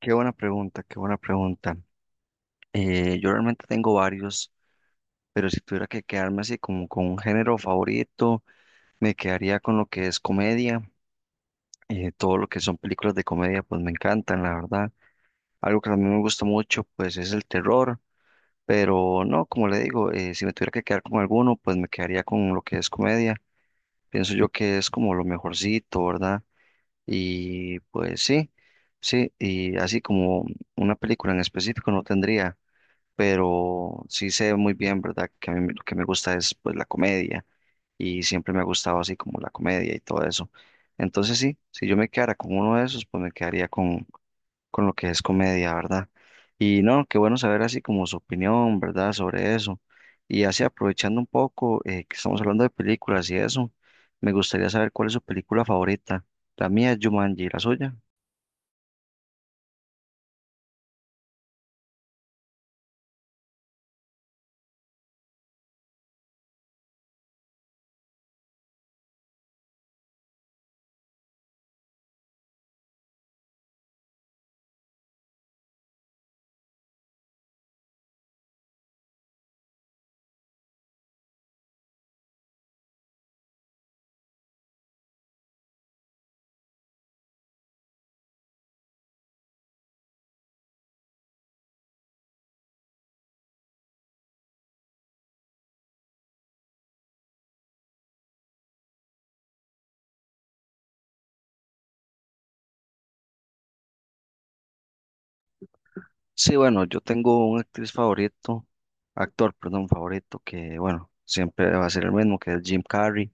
Qué buena pregunta, qué buena pregunta. Yo realmente tengo varios, pero si tuviera que quedarme así como con un género favorito, me quedaría con lo que es comedia. Todo lo que son películas de comedia, pues me encantan, la verdad. Algo que también me gusta mucho, pues es el terror, pero no, como le digo, si me tuviera que quedar con alguno, pues me quedaría con lo que es comedia. Pienso yo que es como lo mejorcito, ¿verdad? Y pues sí, sí, y así como una película en específico no tendría. Pero sí sé muy bien, ¿verdad? Que a mí lo que me gusta es pues la comedia y siempre me ha gustado así como la comedia y todo eso. Entonces sí, si yo me quedara con uno de esos, pues me quedaría con lo que es comedia, ¿verdad? Y no, qué bueno saber así como su opinión, ¿verdad? Sobre eso. Y así aprovechando un poco que estamos hablando de películas y eso, me gustaría saber cuál es su película favorita. La mía es Jumanji, ¿la suya? Sí, bueno, yo tengo un actriz favorito, actor, perdón, favorito, que bueno, siempre va a ser el mismo, que es Jim Carrey.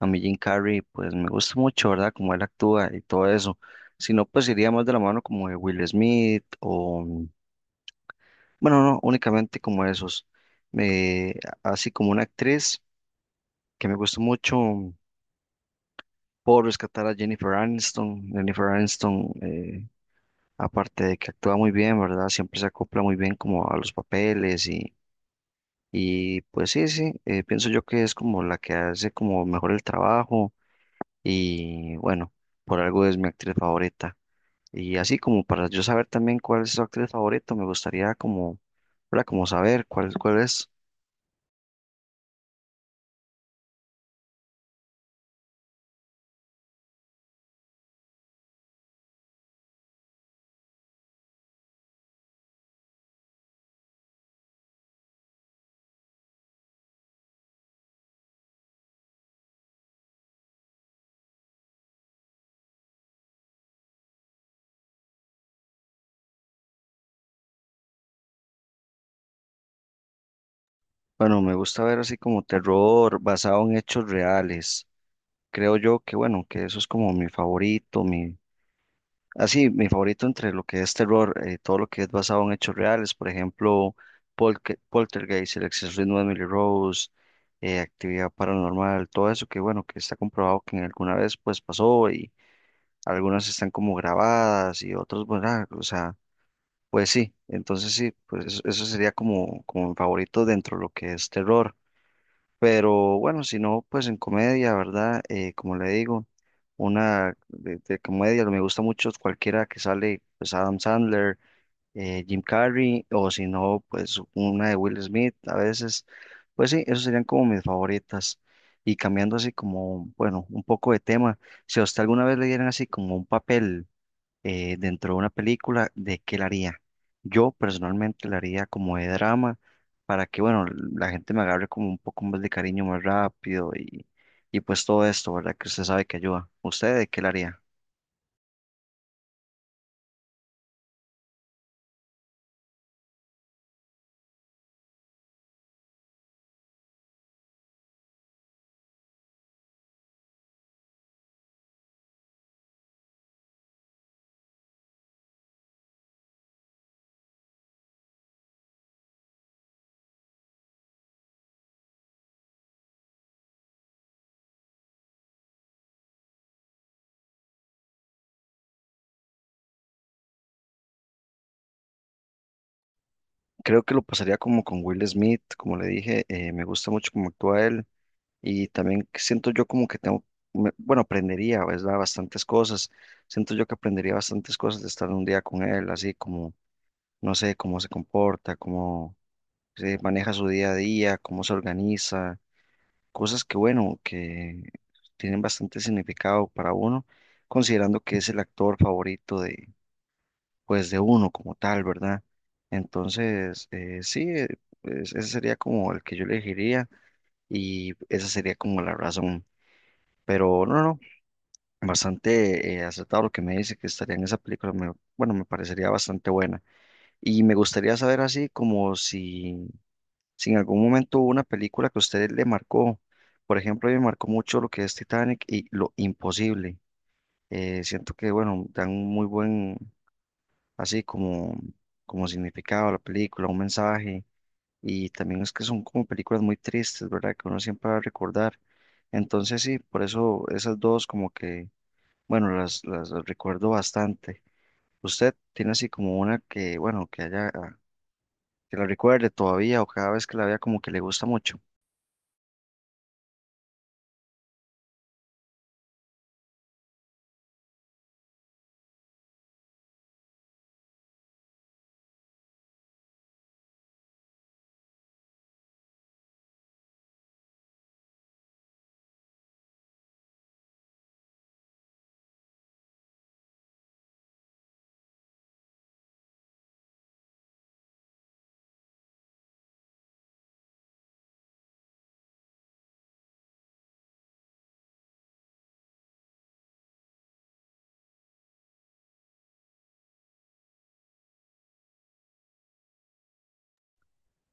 A mí Jim Carrey, pues me gusta mucho, ¿verdad? Como él actúa y todo eso. Si no, pues iría más de la mano como de Will Smith o, bueno, no, únicamente como esos. Me, así como una actriz que me gusta mucho, por rescatar a Jennifer Aniston. Jennifer Aniston, aparte de que actúa muy bien, ¿verdad? Siempre se acopla muy bien como a los papeles. Y pues sí, sí, pienso yo que es como la que hace como mejor el trabajo y bueno, por algo es mi actriz favorita. Y así como para yo saber también cuál es su actriz favorita, me gustaría como, ¿verdad? Como saber cuál, cuál es. Bueno, me gusta ver así como terror basado en hechos reales. Creo yo que bueno, que eso es como mi favorito, mi. Así, mi favorito entre lo que es terror, todo lo que es basado en hechos reales, por ejemplo, Poltergeist, El exorcismo de Emily Rose, Actividad Paranormal, todo eso que bueno, que está comprobado que en alguna vez pues pasó y algunas están como grabadas y otros, bueno, ah, o sea, pues sí, entonces sí, pues eso sería como, como mi favorito dentro de lo que es terror. Pero bueno, si no, pues en comedia, ¿verdad? Como le digo, una de comedia, me gusta mucho cualquiera que sale, pues Adam Sandler, Jim Carrey, o si no, pues una de Will Smith, a veces, pues sí, esos serían como mis favoritas. Y cambiando así como, bueno, un poco de tema, si a usted alguna vez le dieran así como un papel dentro de una película, ¿de qué la haría? Yo personalmente la haría como de drama para que, bueno, la gente me agarre como un poco más de cariño más rápido y pues todo esto, ¿verdad? Que usted sabe que ayuda. ¿Usted de qué la haría? Creo que lo pasaría como con Will Smith, como le dije, me gusta mucho cómo actúa él y también siento yo como que tengo, bueno, aprendería, ¿verdad? Bastantes cosas. Siento yo que aprendería bastantes cosas de estar un día con él, así como, no sé, cómo se comporta, cómo maneja su día a día, cómo se organiza, cosas que, bueno, que tienen bastante significado para uno, considerando que es el actor favorito de, pues, de uno como tal, ¿verdad? Entonces, sí, ese sería como el que yo elegiría y esa sería como la razón. Pero no, no, bastante acertado lo que me dice que estaría en esa película, bueno, me parecería bastante buena. Y me gustaría saber así como si. Si en algún momento hubo una película que a usted le marcó, por ejemplo, a mí me marcó mucho lo que es Titanic y Lo Imposible. Siento que, bueno, dan un muy buen, así como, como significado a la película, un mensaje. Y también es que son como películas muy tristes, ¿verdad? Que uno siempre va a recordar. Entonces, sí, por eso esas dos como que, bueno, las recuerdo bastante. ¿Usted tiene así como una que, bueno, que haya, que la recuerde todavía o cada vez que la vea como que le gusta mucho?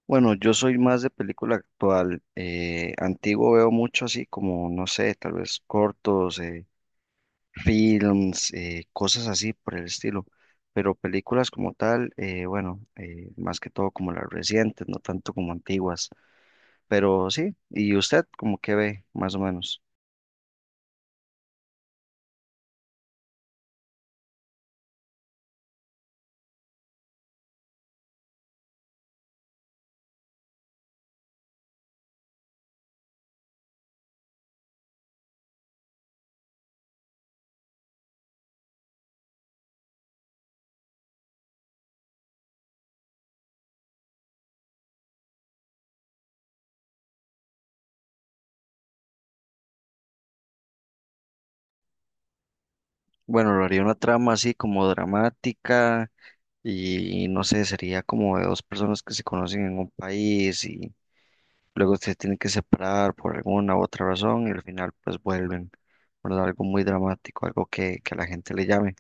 Bueno, yo soy más de película actual. Antiguo veo mucho así como, no sé, tal vez cortos, films, cosas así por el estilo. Pero películas como tal, bueno, más que todo como las recientes, no tanto como antiguas. Pero sí, ¿y usted como que ve, más o menos? Bueno, lo haría una trama así como dramática y no sé, sería como de dos personas que se conocen en un país y luego se tienen que separar por alguna u otra razón y al final pues vuelven, ¿verdad? Algo muy dramático, algo que a la gente le llame.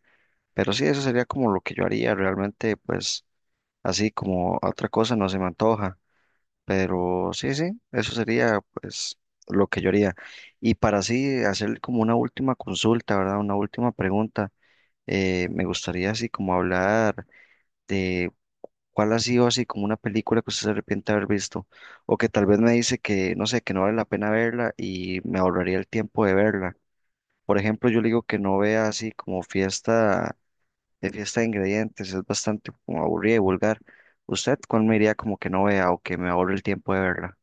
Pero sí, eso sería como lo que yo haría realmente, pues así como otra cosa no se me antoja. Pero sí, sí, eso sería pues lo que yo haría. Y para así hacer como una última consulta, ¿verdad? Una última pregunta. Me gustaría así como hablar de. ¿Cuál ha sido así como una película que usted se arrepiente de haber visto? O que tal vez me dice que, no sé, que no vale la pena verla y me ahorraría el tiempo de verla. Por ejemplo, yo le digo que no vea así como fiesta de ingredientes, es bastante como aburrida y vulgar. ¿Usted cuál me diría como que no vea o que me ahorre el tiempo de verla?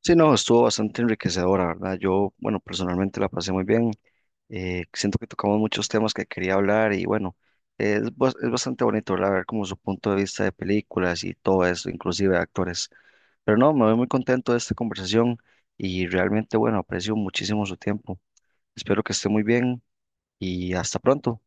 Sí, no, estuvo bastante enriquecedora, ¿verdad? Yo, bueno, personalmente la pasé muy bien. Siento que tocamos muchos temas que quería hablar y bueno, es, es bastante bonito, ¿verdad? Ver como su punto de vista de películas y todo eso, inclusive de actores. Pero no, me voy muy contento de esta conversación y realmente, bueno, aprecio muchísimo su tiempo. Espero que esté muy bien y hasta pronto.